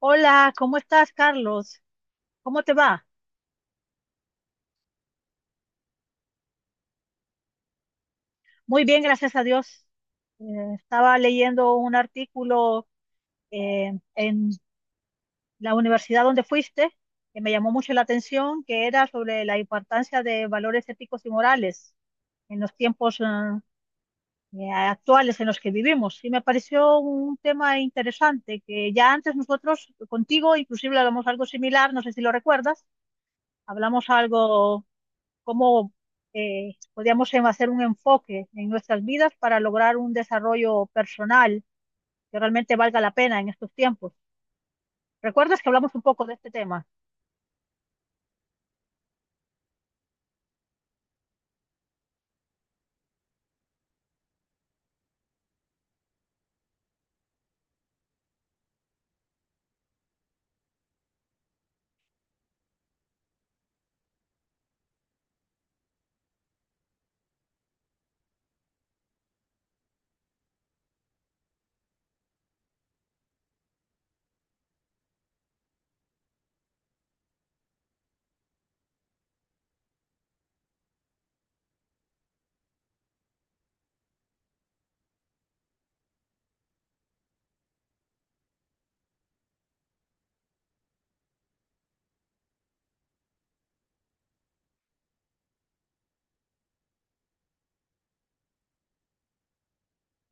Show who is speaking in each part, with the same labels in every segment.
Speaker 1: Hola, ¿cómo estás, Carlos? ¿Cómo te va? Muy bien, gracias a Dios. Eh, Estaba leyendo un artículo en la universidad donde fuiste, que me llamó mucho la atención, que era sobre la importancia de valores éticos y morales en los tiempos actuales en los que vivimos. Y me pareció un tema interesante, que ya antes nosotros contigo inclusive hablamos algo similar, no sé si lo recuerdas, hablamos algo cómo podríamos hacer un enfoque en nuestras vidas para lograr un desarrollo personal que realmente valga la pena en estos tiempos. ¿Recuerdas que hablamos un poco de este tema?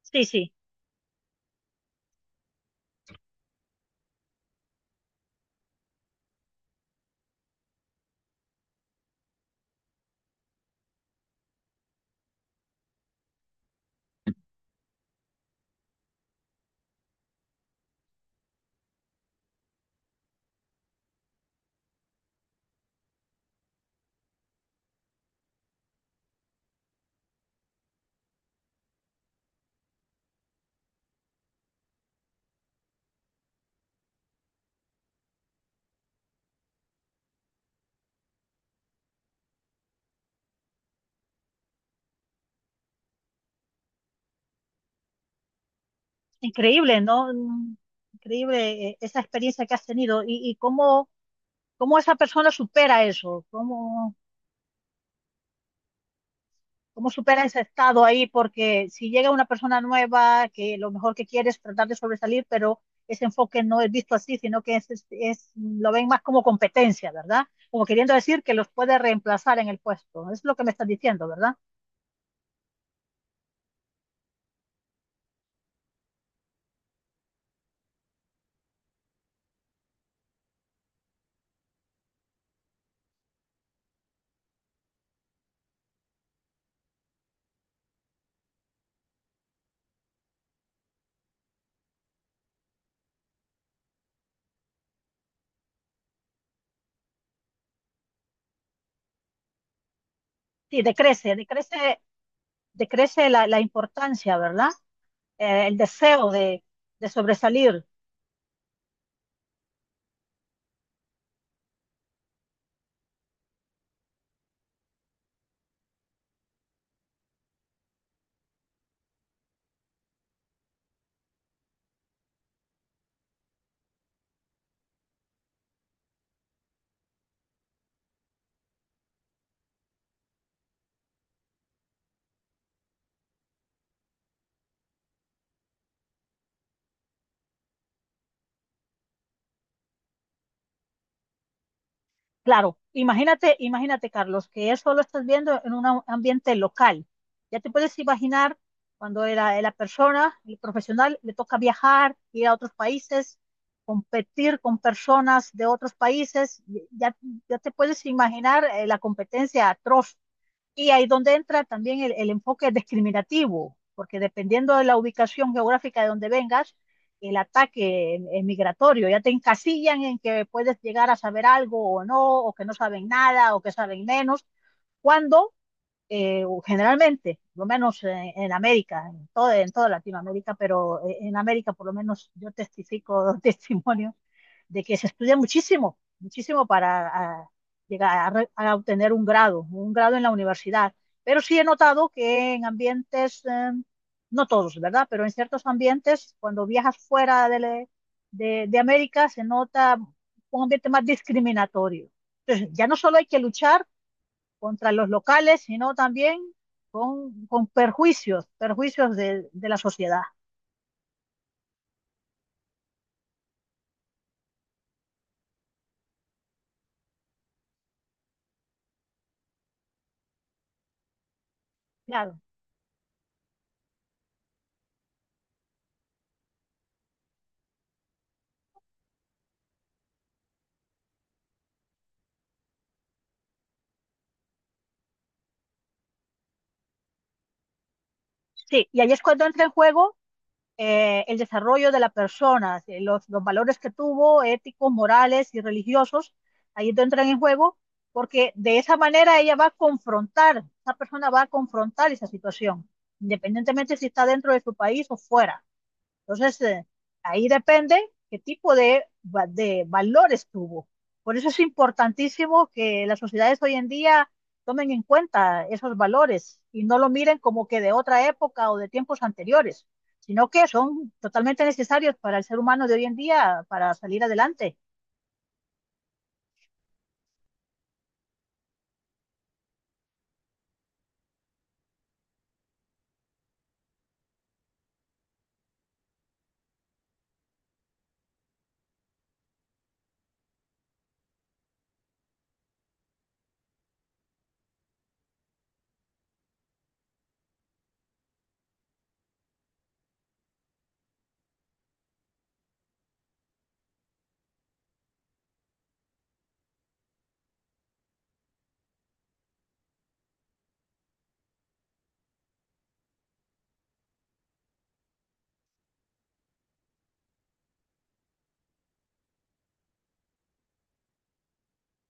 Speaker 1: Sí, sí, increíble, ¿no? Mm, increíble, esa experiencia que has tenido, y cómo, cómo esa persona supera eso, cómo supera ese estado ahí, porque si llega una persona nueva que lo mejor que quiere es tratar de sobresalir, pero ese enfoque no es visto así, sino que lo ven más como competencia, ¿verdad? Como queriendo decir que los puede reemplazar en el puesto. Es lo que me estás diciendo, ¿verdad? Sí, decrece, decrece, decrece la importancia, ¿verdad? El deseo de sobresalir. Claro, imagínate, imagínate, Carlos, que eso lo estás viendo en un ambiente local. Ya te puedes imaginar cuando la persona, el profesional, le toca viajar, ir a otros países, competir con personas de otros países, ya, ya te puedes imaginar la competencia atroz, y ahí donde entra también el enfoque discriminativo, porque dependiendo de la ubicación geográfica de donde vengas, el ataque migratorio, ya te encasillan en que puedes llegar a saber algo o no, o que no saben nada, o que saben menos, cuando o generalmente, por lo menos en América, en toda Latinoamérica, pero en América por lo menos yo testifico testimonio de que se estudia muchísimo, muchísimo para a, llegar a obtener un grado en la universidad. Pero sí he notado que en ambientes, no todos, ¿verdad? Pero en ciertos ambientes, cuando viajas fuera de América, se nota un ambiente más discriminatorio. Entonces, ya no solo hay que luchar contra los locales, sino también con perjuicios, perjuicios de la sociedad. Claro. Sí, y ahí es cuando entra en juego el desarrollo de la persona, los valores que tuvo, éticos, morales y religiosos, ahí entran en juego, porque de esa manera ella va a confrontar, esa persona va a confrontar esa situación, independientemente si está dentro de su país o fuera. Entonces, ahí depende qué tipo de, de valores tuvo. Por eso es importantísimo que las sociedades hoy en día tomen en cuenta esos valores y no lo miren como que de otra época o de tiempos anteriores, sino que son totalmente necesarios para el ser humano de hoy en día para salir adelante.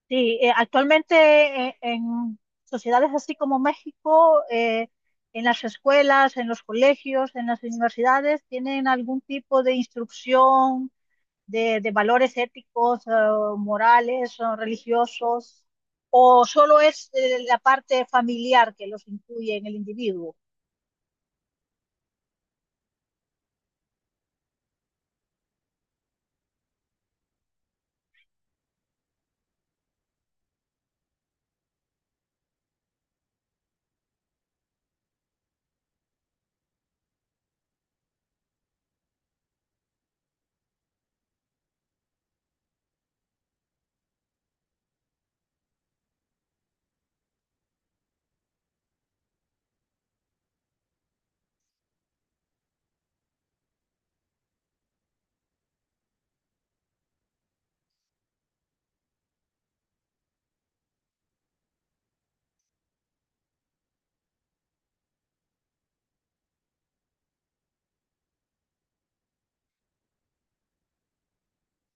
Speaker 1: Sí, actualmente en sociedades así como México, en las escuelas, en los colegios, en las universidades, tienen algún tipo de instrucción de valores éticos, morales, o religiosos, o solo es la parte familiar que los incluye en el individuo.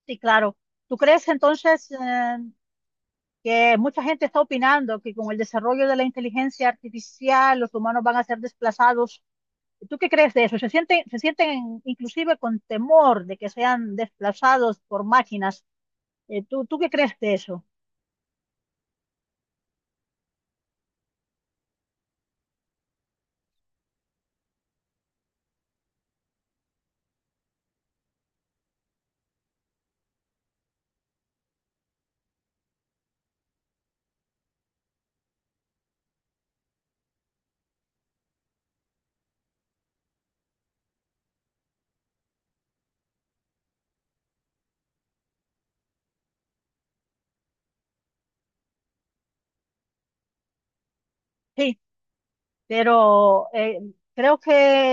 Speaker 1: Sí, claro. ¿Tú crees entonces que mucha gente está opinando que con el desarrollo de la inteligencia artificial los humanos van a ser desplazados? ¿Tú qué crees de eso? Se sienten inclusive con temor de que sean desplazados por máquinas? Tú qué crees de eso? Sí. Pero creo que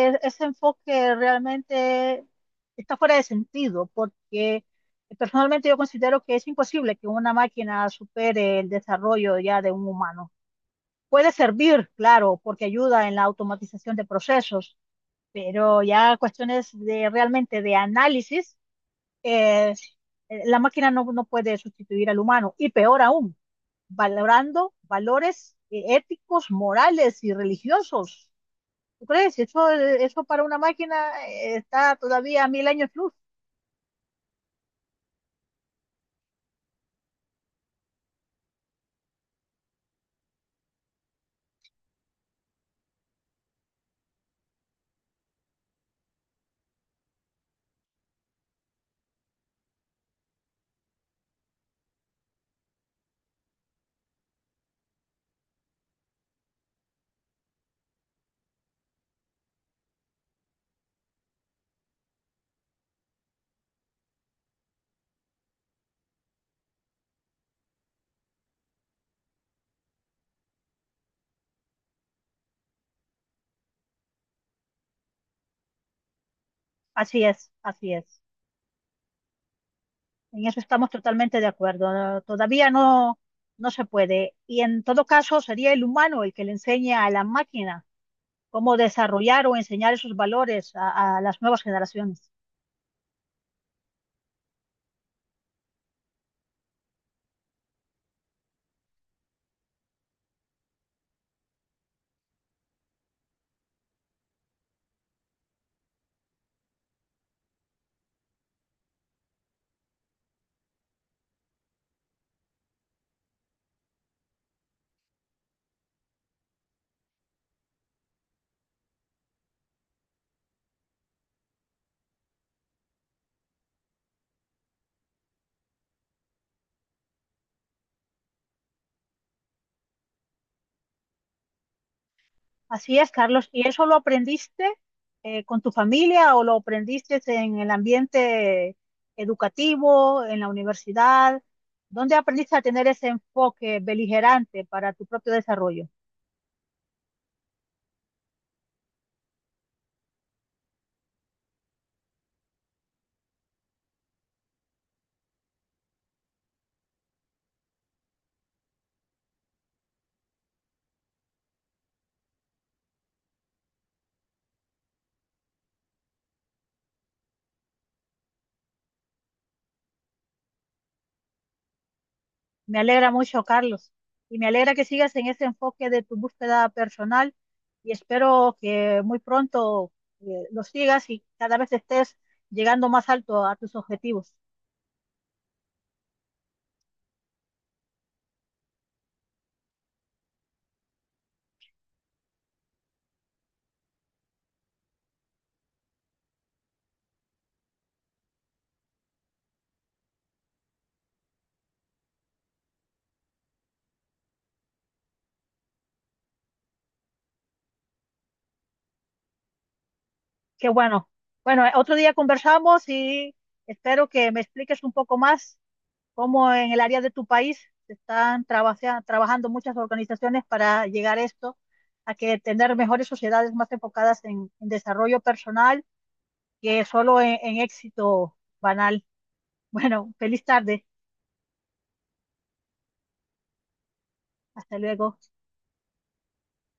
Speaker 1: ese enfoque realmente está fuera de sentido, porque personalmente yo considero que es imposible que una máquina supere el desarrollo ya de un humano. Puede servir, claro, porque ayuda en la automatización de procesos, pero ya cuestiones de realmente de análisis, eh, la máquina no, no puede sustituir al humano, y peor aún, valorando valores éticos, morales y religiosos. ¿Tú crees? Si eso, eso para una máquina está todavía a mil años luz. Así es, así es. En eso estamos totalmente de acuerdo. No, todavía no, no se puede. Y en todo caso, sería el humano el que le enseña a la máquina cómo desarrollar o enseñar esos valores a las nuevas generaciones. Así es, Carlos. ¿Y eso lo aprendiste con tu familia o lo aprendiste en el ambiente educativo, en la universidad? ¿Dónde aprendiste a tener ese enfoque beligerante para tu propio desarrollo? Me alegra mucho, Carlos, y me alegra que sigas en ese enfoque de tu búsqueda personal y espero que muy pronto lo sigas y cada vez estés llegando más alto a tus objetivos. Qué bueno. Bueno, otro día conversamos y espero que me expliques un poco más cómo en el área de tu país se están trabajando muchas organizaciones para llegar a esto, a que tener mejores sociedades más enfocadas en desarrollo personal que solo en éxito banal. Bueno, feliz tarde. Hasta luego.